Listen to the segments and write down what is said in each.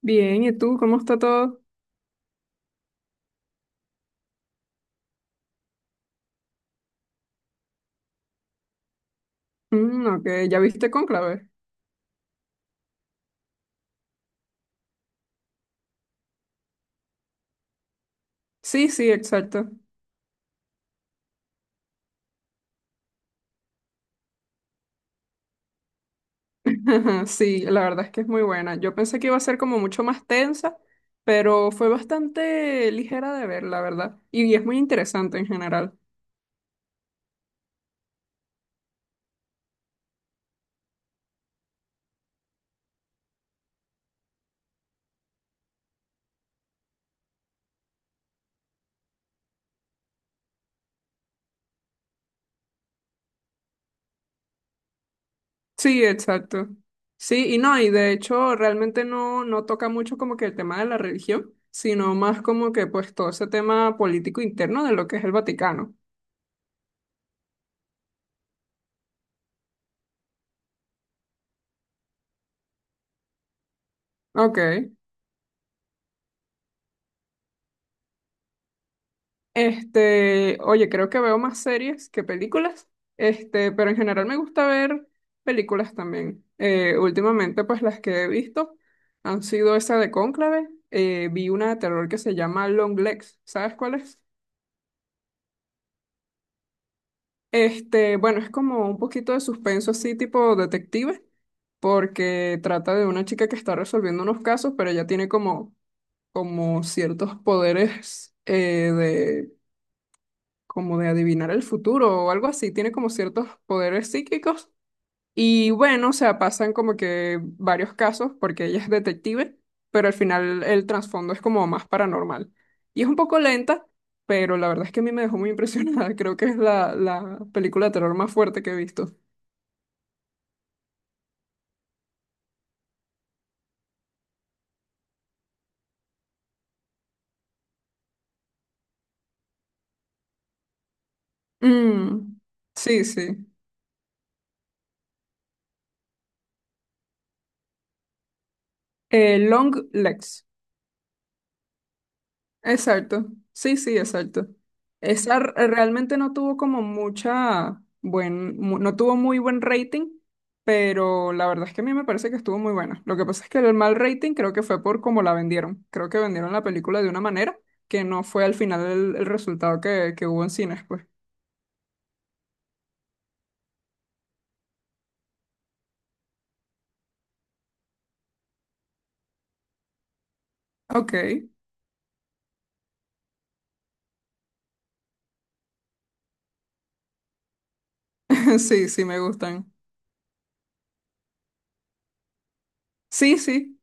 Bien, ¿y tú? ¿Cómo está todo? Mm, ok, ¿ya viste Cónclave? Sí, sí, exacto. Sí, la verdad es que es muy buena. Yo pensé que iba a ser como mucho más tensa, pero fue bastante ligera de ver, la verdad. Y es muy interesante en general. Sí, exacto. Sí, y no, y de hecho realmente no toca mucho como que el tema de la religión, sino más como que pues todo ese tema político interno de lo que es el Vaticano. Ok. Este, oye, creo que veo más series que películas, este, pero en general me gusta ver películas también. Últimamente, pues las que he visto han sido esa de Cónclave. Vi una de terror que se llama Long Legs, ¿sabes cuál es? Este, bueno, es como un poquito de suspenso así, tipo detective, porque trata de una chica que está resolviendo unos casos, pero ella tiene como, como ciertos poderes como de adivinar el futuro o algo así, tiene como ciertos poderes psíquicos. Y bueno, o sea, pasan como que varios casos porque ella es detective, pero al final el trasfondo es como más paranormal. Y es un poco lenta, pero la verdad es que a mí me dejó muy impresionada. Creo que es la película de terror más fuerte que he visto. Mm, sí, sí. Long Legs. Exacto, sí, sí, exacto. Realmente no tuvo como mucha buen, no tuvo muy buen rating, pero la verdad es que a mí me parece que estuvo muy buena. Lo que pasa es que el mal rating creo que fue por cómo la vendieron. Creo que vendieron la película de una manera que no fue al final el resultado que hubo en cines, pues. Ok, sí, sí, me gustan. Sí, sí,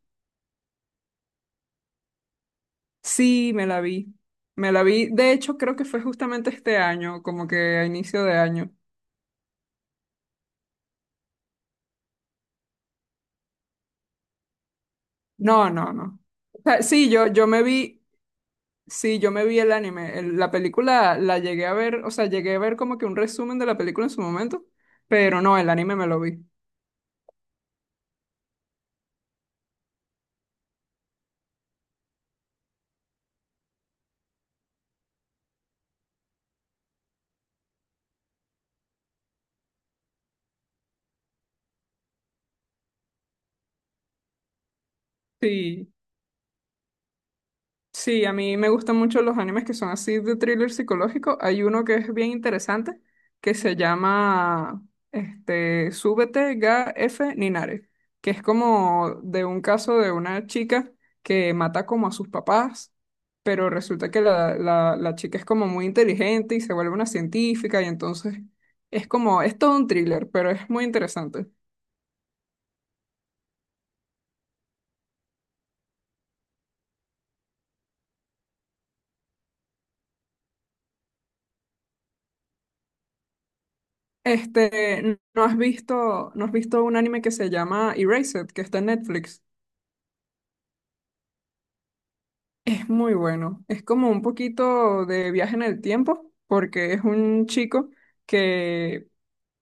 sí, me la vi. Me la vi, de hecho, creo que fue justamente este año, como que a inicio de año. No, no, no. O sea, sí, yo me vi, sí, yo me vi el anime. La película la llegué a ver, o sea, llegué a ver como que un resumen de la película en su momento, pero no, el anime me lo vi. Sí. Sí, a mí me gustan mucho los animes que son así de thriller psicológico. Hay uno que es bien interesante que se llama este, Súbete Ga F Ninare, que es como de un caso de una chica que mata como a sus papás, pero resulta que la chica es como muy inteligente y se vuelve una científica y entonces es como, es todo un thriller, pero es muy interesante. Este, ¿no has visto un anime que se llama Erased, que está en Netflix? Es muy bueno. Es como un poquito de viaje en el tiempo, porque es un chico que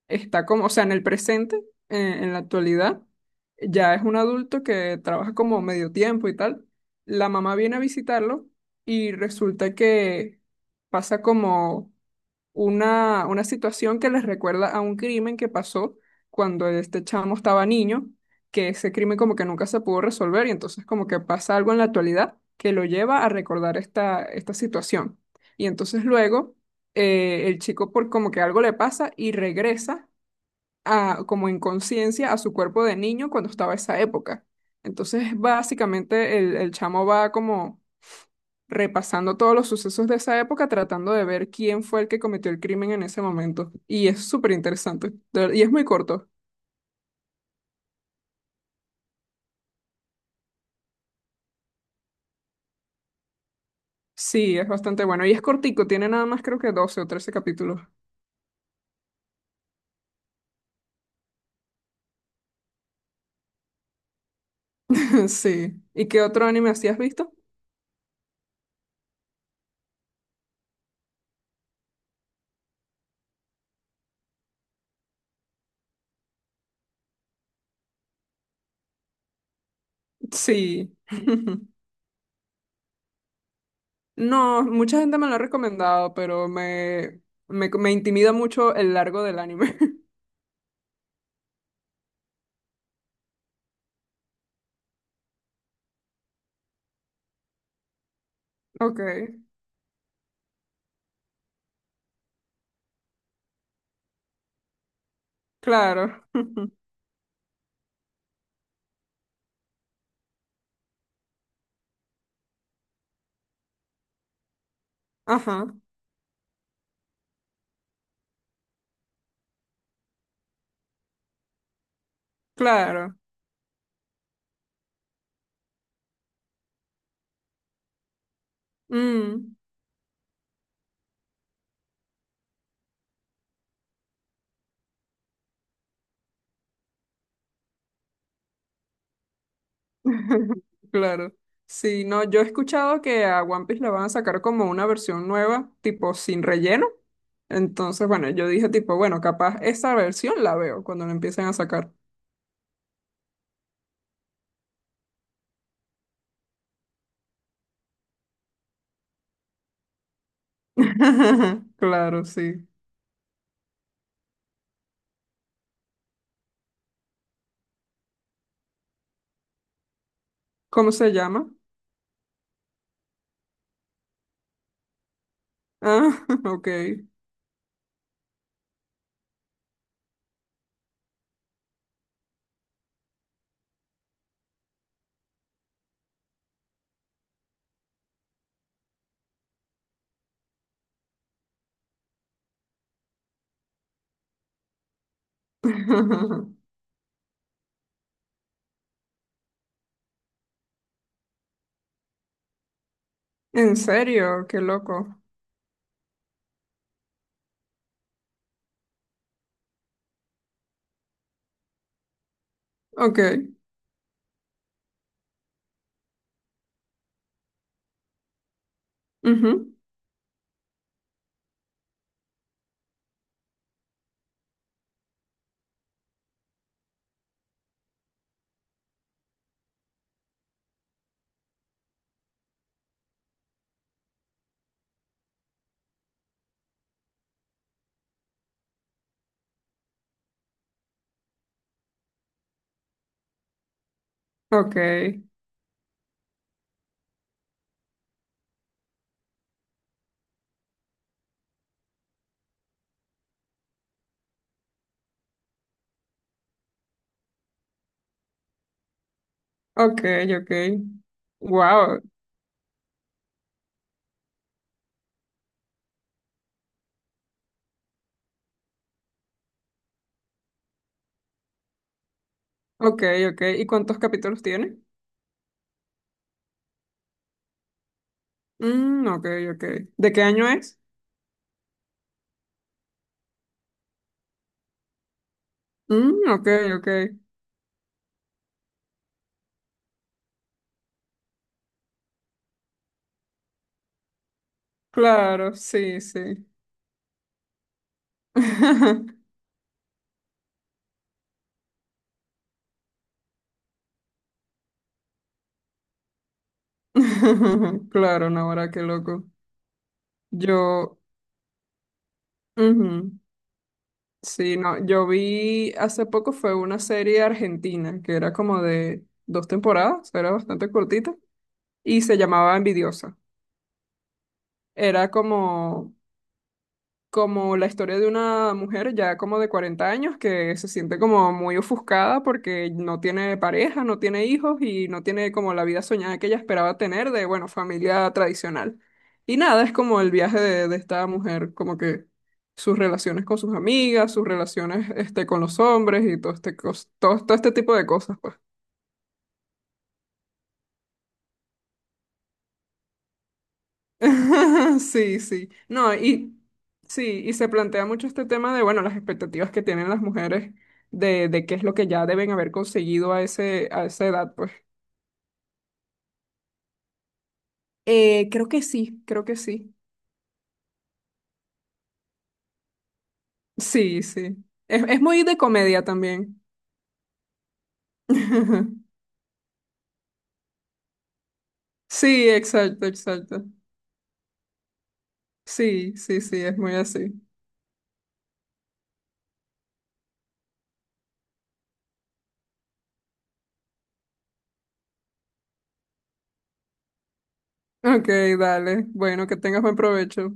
está como, o sea, en el presente, en la actualidad, ya es un adulto que trabaja como medio tiempo y tal. La mamá viene a visitarlo y resulta que pasa como una situación que les recuerda a un crimen que pasó cuando este chamo estaba niño, que ese crimen como que nunca se pudo resolver y entonces como que pasa algo en la actualidad que lo lleva a recordar esta situación. Y entonces luego el chico por como que algo le pasa y regresa a, como en conciencia a su cuerpo de niño cuando estaba esa época. Entonces básicamente el chamo va como repasando todos los sucesos de esa época, tratando de ver quién fue el que cometió el crimen en ese momento. Y es súper interesante. Y es muy corto. Sí, es bastante bueno. Y es cortico, tiene nada más creo que doce o trece capítulos. Sí. ¿Y qué otro anime así has visto? Sí. No, mucha gente me lo ha recomendado, pero me intimida mucho el largo del anime. Ok, claro. Ajá, claro. Mm. Claro. Sí, no, yo he escuchado que a One Piece la van a sacar como una versión nueva, tipo sin relleno. Entonces, bueno, yo dije tipo, bueno, capaz esa versión la veo cuando la empiecen a sacar. Claro, sí. ¿Cómo se llama? Ah, ok. En serio, qué loco. Ok. Ujú. Ok. Ok, ok. Wow. Ok, ok. ¿Y cuántos capítulos tiene? Mm, ok, ok. ¿De qué año es? Mm, ok, ok. Claro, sí, sí. Claro, Nahora, qué loco. Yo, ujú, sí, no, yo vi hace poco fue una serie argentina que era como de dos temporadas, era bastante cortita y se llamaba Envidiosa. Era como como la historia de una mujer ya como de 40 años que se siente como muy ofuscada porque no tiene pareja, no tiene hijos y no tiene como la vida soñada que ella esperaba tener de, bueno, familia tradicional. Y nada, es como el viaje de esta mujer, como que sus relaciones con sus amigas, sus relaciones este, con los hombres y todo este, todo, todo este tipo de cosas, pues. Sí, sí. No, y sí, y se plantea mucho este tema de, bueno, las expectativas que tienen las mujeres de qué es lo que ya deben haber conseguido a ese, a esa edad, pues. Creo que sí, creo que sí. Sí, sí. Es muy de comedia también. Sí, exacto, exacto. Sí, sí, sí, es muy así. Ok, dale. Bueno, que tengas buen provecho.